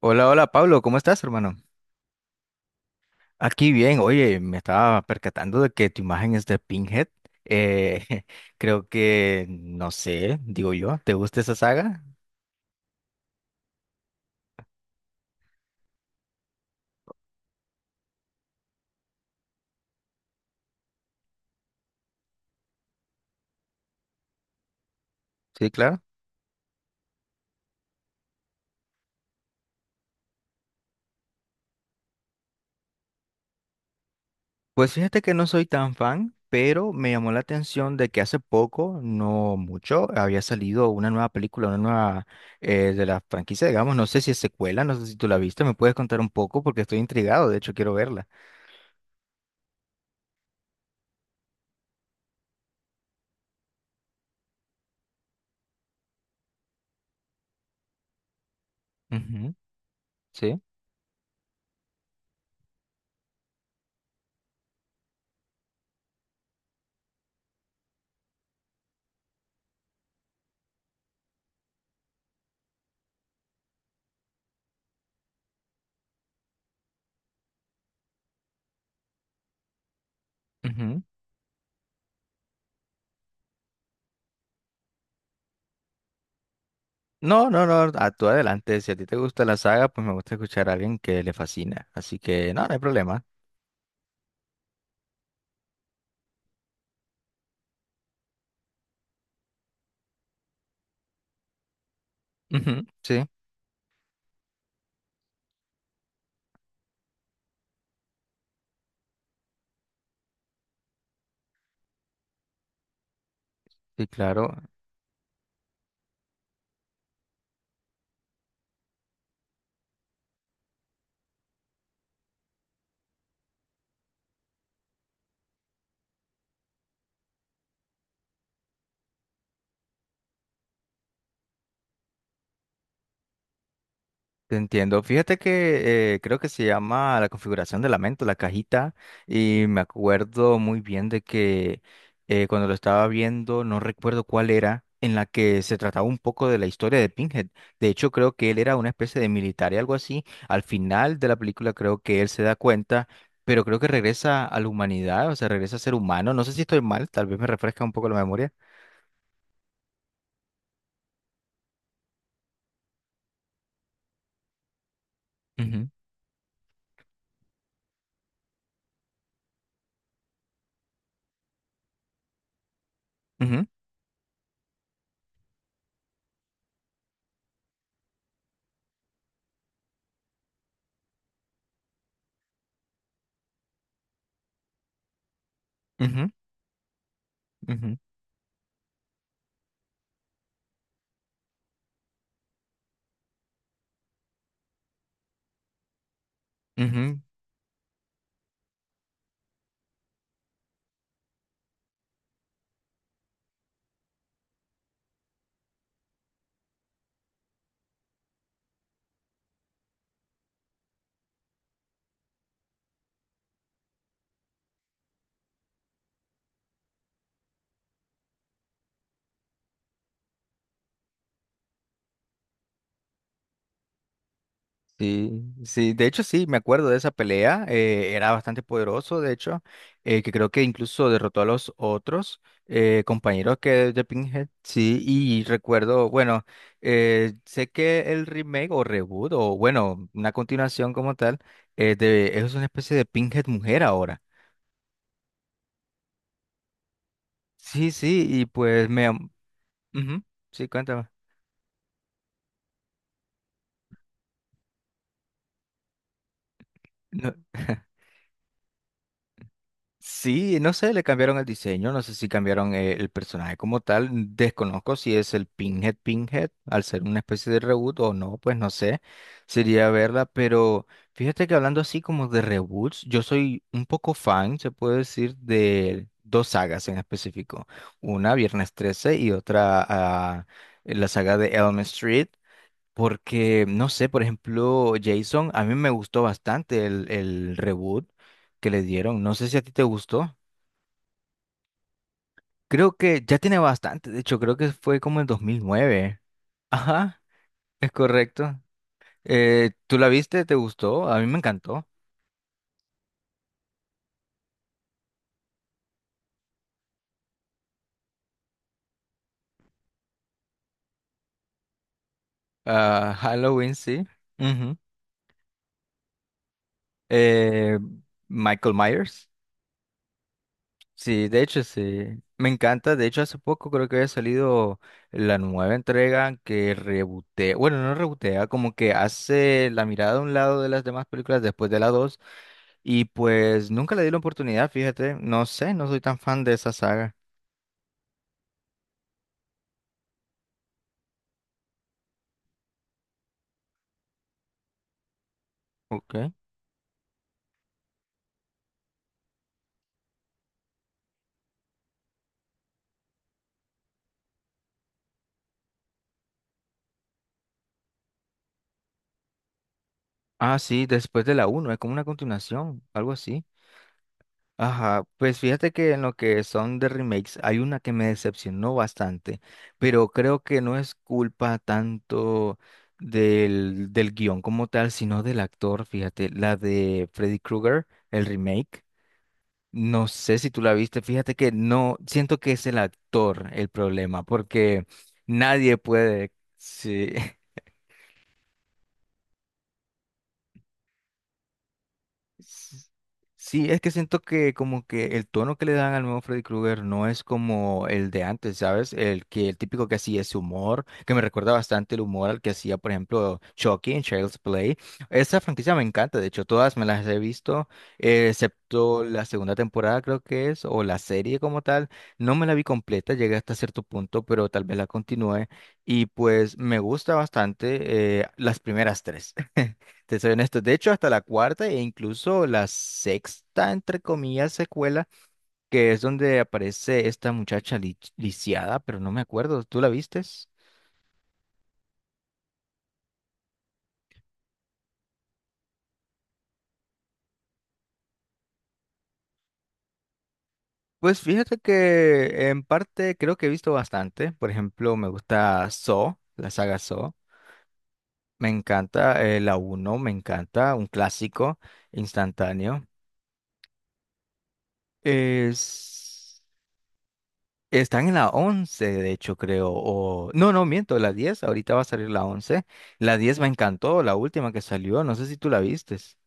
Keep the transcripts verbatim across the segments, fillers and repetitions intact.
Hola, hola Pablo, ¿cómo estás, hermano? Aquí bien, oye, me estaba percatando de que tu imagen es de Pinhead. Eh, Creo que, no sé, digo yo, ¿te gusta esa saga? Sí, claro. Pues fíjate que no soy tan fan, pero me llamó la atención de que hace poco, no mucho, había salido una nueva película, una nueva eh, de la franquicia, digamos, no sé si es secuela, no sé si tú la viste, me puedes contar un poco porque estoy intrigado, de hecho quiero verla. Ujú, sí. Ujú. No, no, no, a tú adelante. Si a ti te gusta la saga, pues me gusta escuchar a alguien que le fascina. Así que no, no hay problema. Ujú, sí, sí, claro. Te entiendo. Fíjate que eh, creo que se llama la configuración de la mente, la cajita, y me acuerdo muy bien de que eh, cuando lo estaba viendo, no recuerdo cuál era, en la que se trataba un poco de la historia de Pinhead. De hecho, creo que él era una especie de militar y algo así. Al final de la película creo que él se da cuenta, pero creo que regresa a la humanidad, o sea, regresa a ser humano. No sé si estoy mal, tal vez me refresca un poco la memoria. Ujú, ujú, ujú, ujú, ujú. Sí, sí, de hecho sí, me acuerdo de esa pelea, eh, era bastante poderoso, de hecho, eh, que creo que incluso derrotó a los otros eh, compañeros que de Pinhead, sí, y recuerdo, bueno, eh, sé que el remake o reboot o bueno, una continuación como tal, eh, de, es una especie de Pinhead mujer ahora. Sí, sí, y pues me... am- Ujú, sí, cuéntame. No. Sí, no sé, le cambiaron el diseño, no sé si cambiaron eh, el personaje como tal, desconozco si es el Pinhead Pinhead, al ser una especie de reboot o no, pues no sé, sería verla, pero fíjate que hablando así como de reboots, yo soy un poco fan, se puede decir, de dos sagas en específico, una Viernes 13 y otra ah, la saga de Elm Street. Porque, no sé, por ejemplo, Jason, a mí me gustó bastante el, el reboot que le dieron. No sé si a ti te gustó. Creo que ya tiene bastante, de hecho, creo que fue como en dos mil nueve. Ajá, es correcto. Eh, ¿tú la viste? ¿Te gustó? A mí me encantó. Ah, Halloween, sí. Ujú. Eh, Michael Myers. Sí, de hecho sí, me encanta, de hecho hace poco creo que había salido la nueva entrega que rebotea, bueno, no rebotea, como que hace la mirada a un lado de las demás películas después de la dos y pues nunca le di la oportunidad, fíjate, no sé, no soy tan fan de esa saga. Ok. Ah, sí, después de la uno es como una continuación, algo así. Ajá, pues fíjate que en lo que son de remakes hay una que me decepcionó bastante, pero creo que no es culpa tanto del, del guión como tal, sino del actor, fíjate, la de Freddy Krueger, el remake. No sé si tú la viste, fíjate que no, siento que es el actor el problema, porque nadie puede, sí. S- Sí, es que siento que como que el tono que le dan al nuevo Freddy Krueger no es como el de antes, ¿sabes? El que el típico que hacía ese humor, que me recuerda bastante el humor al que hacía, por ejemplo, Chucky en Child's Play. Esa franquicia me encanta, de hecho, todas me las he visto, eh, excepto la segunda temporada, creo que es, o la serie como tal. No me la vi completa, llegué hasta cierto punto, pero tal vez la continúe. Y pues me gusta bastante, eh, las primeras tres. Te soy honesto. De hecho, hasta la cuarta e incluso la sexta, entre comillas, secuela, que es donde aparece esta muchacha li- lisiada, pero no me acuerdo. ¿Tú la vistes? Pues fíjate que en parte creo que he visto bastante. Por ejemplo, me gusta Saw, la saga Saw. Me encanta, eh, la uno me encanta, un clásico instantáneo. Es. Están en la once, de hecho, creo. O... No, no, miento, la diez. Ahorita va a salir la once. La diez me encantó, la última que salió. No sé si tú la vistes.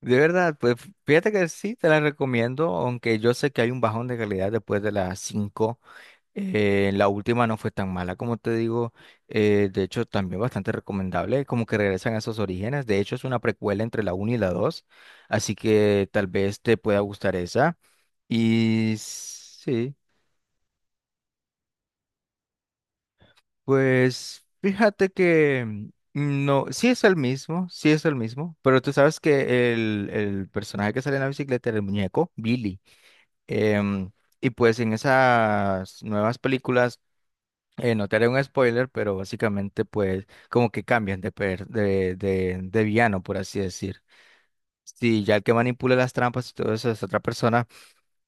De verdad, pues fíjate que sí, te la recomiendo, aunque yo sé que hay un bajón de calidad después de las cinco. Eh, la última no fue tan mala como te digo. Eh, de hecho, también bastante recomendable, como que regresan a esos orígenes. De hecho, es una precuela entre la uno y la dos. Así que tal vez te pueda gustar esa. Y sí. Pues fíjate que mm, no, sí es el mismo, sí es el mismo, pero tú sabes que el, el personaje que sale en la bicicleta era el muñeco, Billy. em, y pues en esas nuevas películas, eh, no te haré un spoiler, pero básicamente pues como que cambian de, per- de, de, de villano, por así decir. Sí, ya el que manipula las trampas y todo eso es otra persona,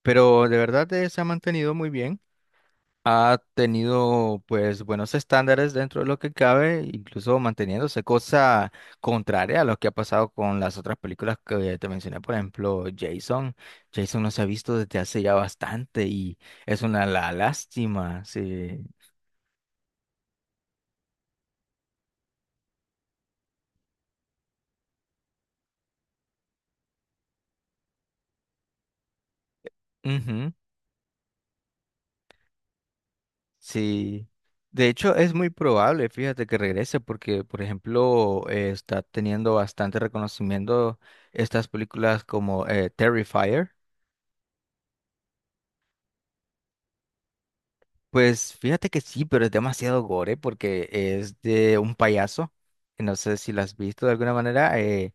pero de verdad, eh, se ha mantenido muy bien, ha tenido pues buenos estándares dentro de lo que cabe, incluso manteniéndose cosa contraria a lo que ha pasado con las otras películas que te mencioné, por ejemplo, Jason. Jason no se ha visto desde hace ya bastante y es una la lástima, sí. Ujú, sí. De hecho, es muy probable, fíjate, que regrese porque, por ejemplo, eh, está teniendo bastante reconocimiento estas películas como eh, Terrifier. Pues fíjate que sí, pero es demasiado gore porque es de un payaso. Que No sé si lo has visto de alguna manera. eh,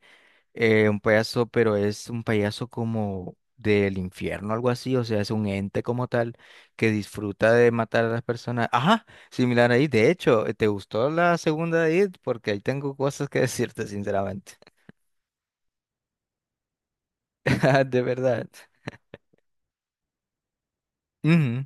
eh, Un payaso, pero es un payaso como del infierno, algo así. O sea, es un ente como tal que disfruta de matar a las personas. Ajá, similar ahí. De hecho, ¿te gustó la segunda de It? Porque ahí tengo cosas que decirte, sinceramente. De verdad. Ujú.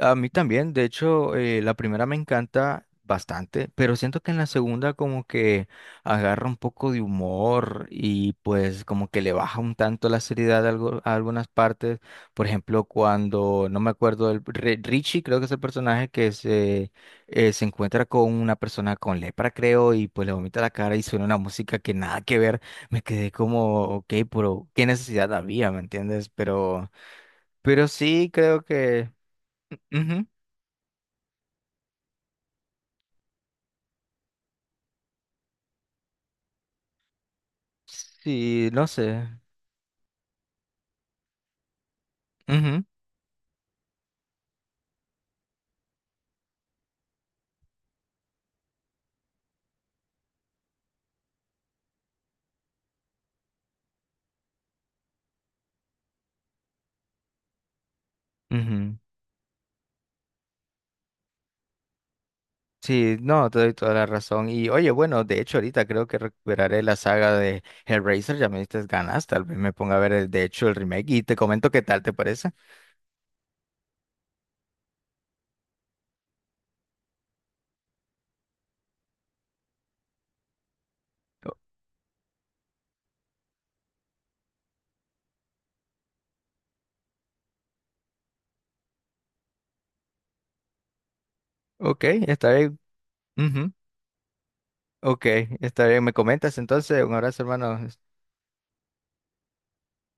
A mí también, de hecho, eh, la primera me encanta bastante, pero siento que en la segunda como que agarra un poco de humor y pues como que le baja un tanto la seriedad a, algo- a algunas partes. Por ejemplo, cuando, no me acuerdo, el, Re- Richie creo que es el personaje que se, eh, se encuentra con una persona con lepra, creo, y pues le vomita la cara y suena una música que nada que ver. Me quedé como, ok, pero ¿qué necesidad había? ¿Me entiendes? Pero, pero sí creo que. Ujú. Sí, no sé. Ujú, ujú. Sí, no, te doy toda la razón. Y oye, bueno, de hecho ahorita creo que recuperaré la saga de Hellraiser, ya me diste ganas, tal vez me ponga a ver el, de hecho el remake, y te comento qué tal te parece. O- ok, está bien. Ujú, ok, está bien, me comentas entonces, un abrazo, hermano.